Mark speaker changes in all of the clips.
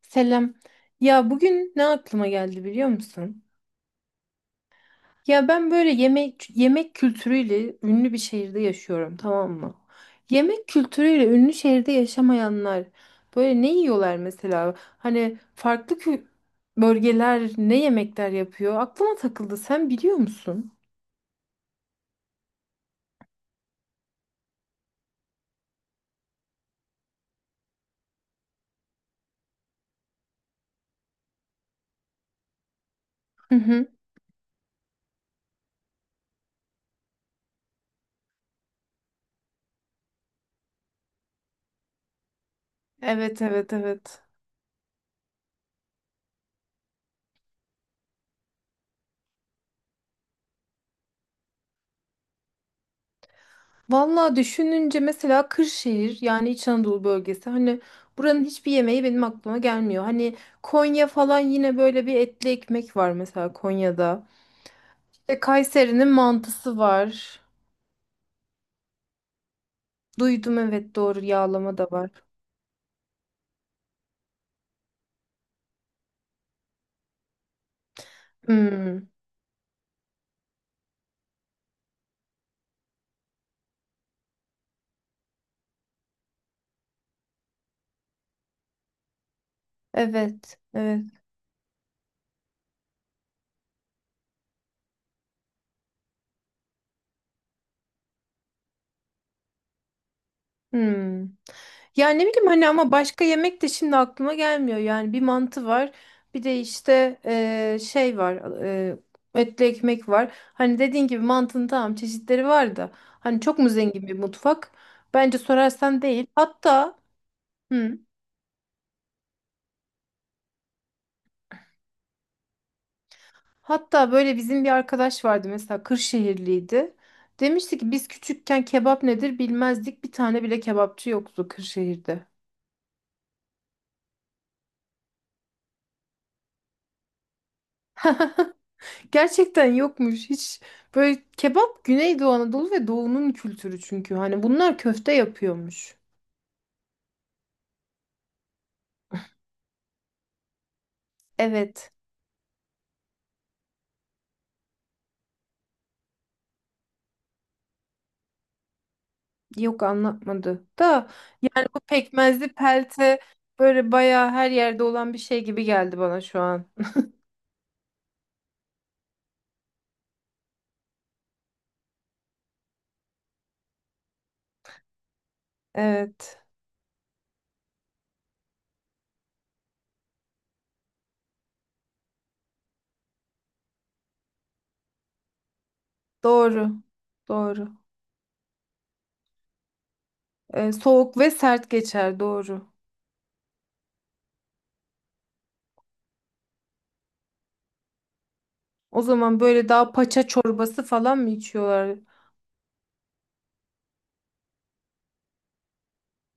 Speaker 1: Selam. Ya bugün ne aklıma geldi biliyor musun? Ya ben böyle yemek kültürüyle ünlü bir şehirde yaşıyorum, tamam mı? Yemek kültürüyle ünlü şehirde yaşamayanlar böyle ne yiyorlar mesela? Hani farklı bölgeler ne yemekler yapıyor? Aklıma takıldı. Sen biliyor musun? Hı hı. Evet, evet, evet. Vallahi düşününce mesela Kırşehir, yani İç Anadolu bölgesi, hani buranın hiçbir yemeği benim aklıma gelmiyor. Hani Konya falan, yine böyle bir etli ekmek var mesela Konya'da. İşte Kayseri'nin mantısı var. Duydum, evet, doğru, yağlama da var. Hmm, evet evet. Hmm. Yani ne bileyim hani, ama başka yemek de şimdi aklıma gelmiyor. Yani bir mantı var. Bir de işte şey var. Etli ekmek var. Hani dediğin gibi mantının tamam çeşitleri var da, hani çok mu zengin bir mutfak? Bence sorarsan değil. Hatta hı, hatta böyle bizim bir arkadaş vardı mesela, Kırşehirliydi. Demişti ki biz küçükken kebap nedir bilmezdik. Bir tane bile kebapçı yoktu Kırşehir'de. Gerçekten yokmuş. Hiç. Böyle kebap Güneydoğu Anadolu ve Doğu'nun kültürü çünkü. Hani bunlar köfte yapıyormuş. Evet. Yok, anlatmadı. Da yani bu pekmezli pelte böyle bayağı her yerde olan bir şey gibi geldi bana şu an. Evet. Doğru. Doğru. Soğuk ve sert geçer. Doğru. O zaman böyle daha paça çorbası falan mı içiyorlar?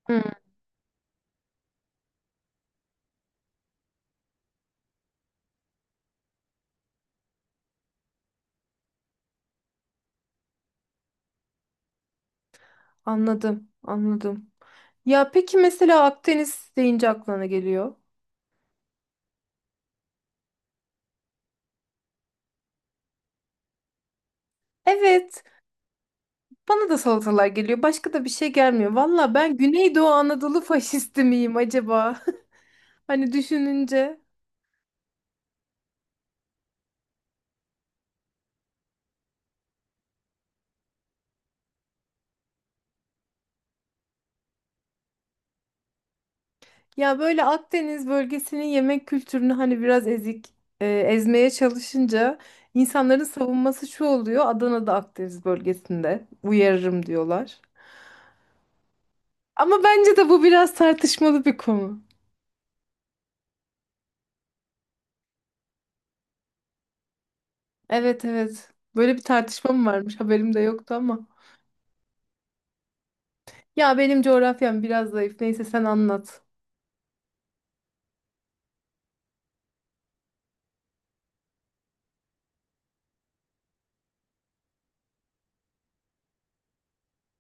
Speaker 1: Hı, anladım. Anladım. Ya peki mesela Akdeniz deyince aklına ne geliyor? Evet, bana da salatalar geliyor. Başka da bir şey gelmiyor. Valla, ben Güneydoğu Anadolu faşisti miyim acaba? Hani düşününce. Ya böyle Akdeniz bölgesinin yemek kültürünü hani biraz ezik, ezmeye çalışınca insanların savunması şu oluyor: Adana'da Akdeniz bölgesinde uyarırım diyorlar. Ama bence de bu biraz tartışmalı bir konu. Evet evet. Böyle bir tartışma mı varmış? Haberim de yoktu ama. Ya benim coğrafyam biraz zayıf. Neyse, sen anlat.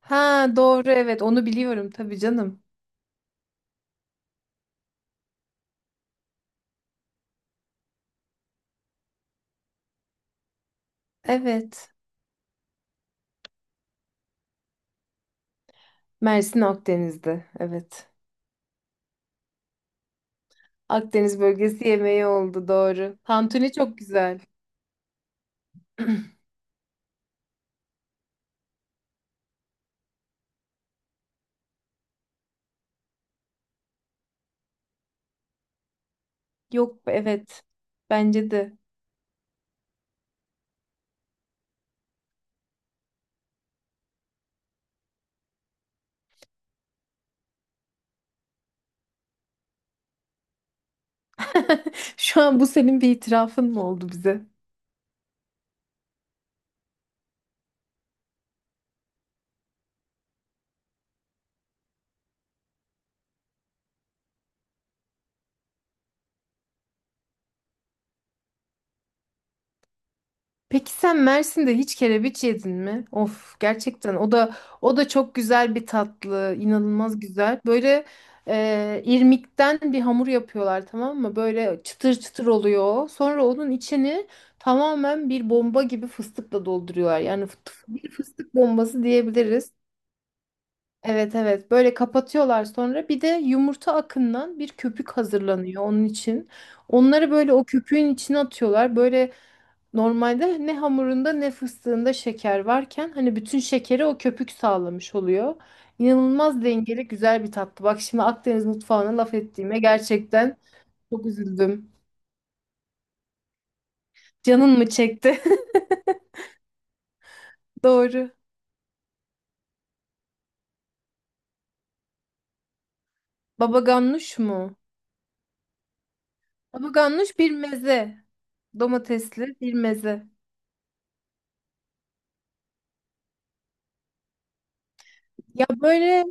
Speaker 1: Ha, doğru, evet, onu biliyorum tabii canım. Evet. Mersin Akdeniz'de. Evet. Akdeniz bölgesi yemeği oldu, doğru. Tantuni çok güzel. Yok, evet. Bence de. Şu an bu senin bir itirafın mı oldu bize? Peki sen Mersin'de hiç kerebiç yedin mi? Of, gerçekten o da, o da çok güzel bir tatlı, inanılmaz güzel. Böyle irmikten bir hamur yapıyorlar, tamam mı? Böyle çıtır çıtır oluyor. Sonra onun içini tamamen bir bomba gibi fıstıkla dolduruyorlar. Yani bir fıstık bombası diyebiliriz. Evet evet, böyle kapatıyorlar, sonra bir de yumurta akından bir köpük hazırlanıyor onun için. Onları böyle o köpüğün içine atıyorlar. Böyle, normalde ne hamurunda ne fıstığında şeker varken hani bütün şekeri o köpük sağlamış oluyor. İnanılmaz dengeli, güzel bir tatlı. Bak, şimdi Akdeniz mutfağına laf ettiğime gerçekten çok üzüldüm. Canın mı çekti? Doğru. Baba ganoush mu? Baba ganoush bir meze. Domatesli bir meze. Ya böyle,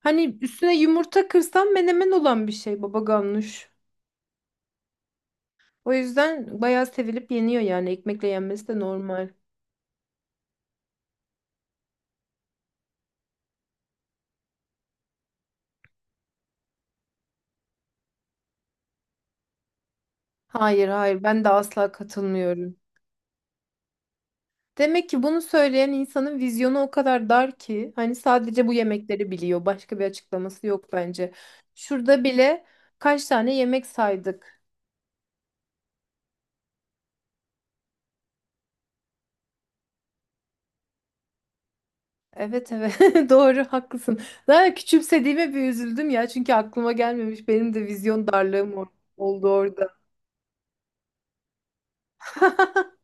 Speaker 1: hani üstüne yumurta kırsan menemen olan bir şey baba ganoush. O yüzden bayağı sevilip yeniyor, yani ekmekle yenmesi de normal. Hayır hayır, ben de asla katılmıyorum. Demek ki bunu söyleyen insanın vizyonu o kadar dar ki hani sadece bu yemekleri biliyor. Başka bir açıklaması yok bence. Şurada bile kaç tane yemek saydık. Evet evet, doğru, haklısın. Daha küçümsediğime bir üzüldüm ya, çünkü aklıma gelmemiş, benim de vizyon darlığım oldu orada.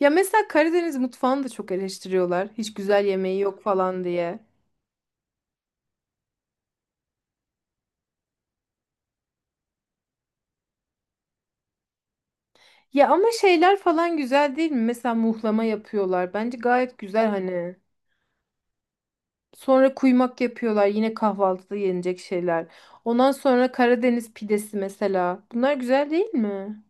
Speaker 1: Ya mesela Karadeniz mutfağını da çok eleştiriyorlar. Hiç güzel yemeği yok falan diye. Ya ama şeyler falan güzel değil mi? Mesela muhlama yapıyorlar. Bence gayet güzel hani. Sonra kuymak yapıyorlar. Yine kahvaltıda yenecek şeyler. Ondan sonra Karadeniz pidesi mesela. Bunlar güzel değil mi?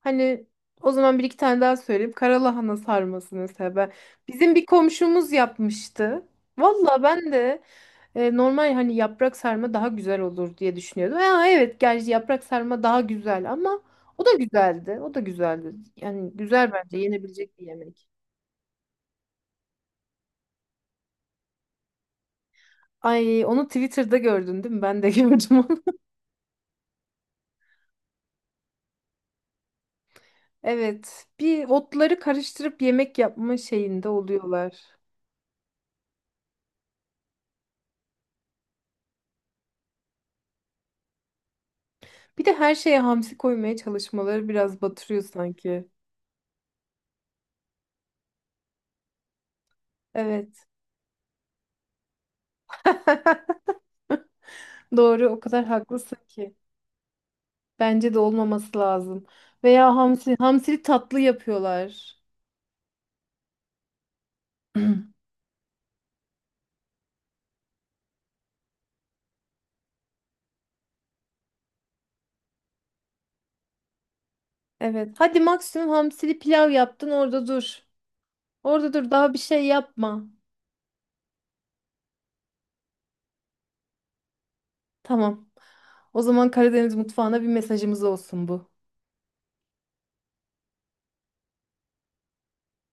Speaker 1: Hani o zaman bir iki tane daha söyleyeyim. Karalahana sarması mesela. Ben, bizim bir komşumuz yapmıştı. Valla ben de. Normal hani yaprak sarma daha güzel olur diye düşünüyordum. Ya, evet, gerçi yaprak sarma daha güzel ama o da güzeldi. O da güzeldi. Yani güzel, bence yenebilecek bir yemek. Ay, onu Twitter'da gördün değil mi? Ben de gördüm onu. Evet. Bir otları karıştırıp yemek yapma şeyinde oluyorlar. Bir de her şeye hamsi koymaya çalışmaları biraz batırıyor sanki. Evet. Doğru, o kadar haklısın ki. Bence de olmaması lazım. Veya hamsi, hamsili tatlı yapıyorlar. Evet. Hadi maksimum hamsili pilav yaptın, orada dur. Orada dur, daha bir şey yapma. Tamam. O zaman Karadeniz mutfağına bir mesajımız olsun bu.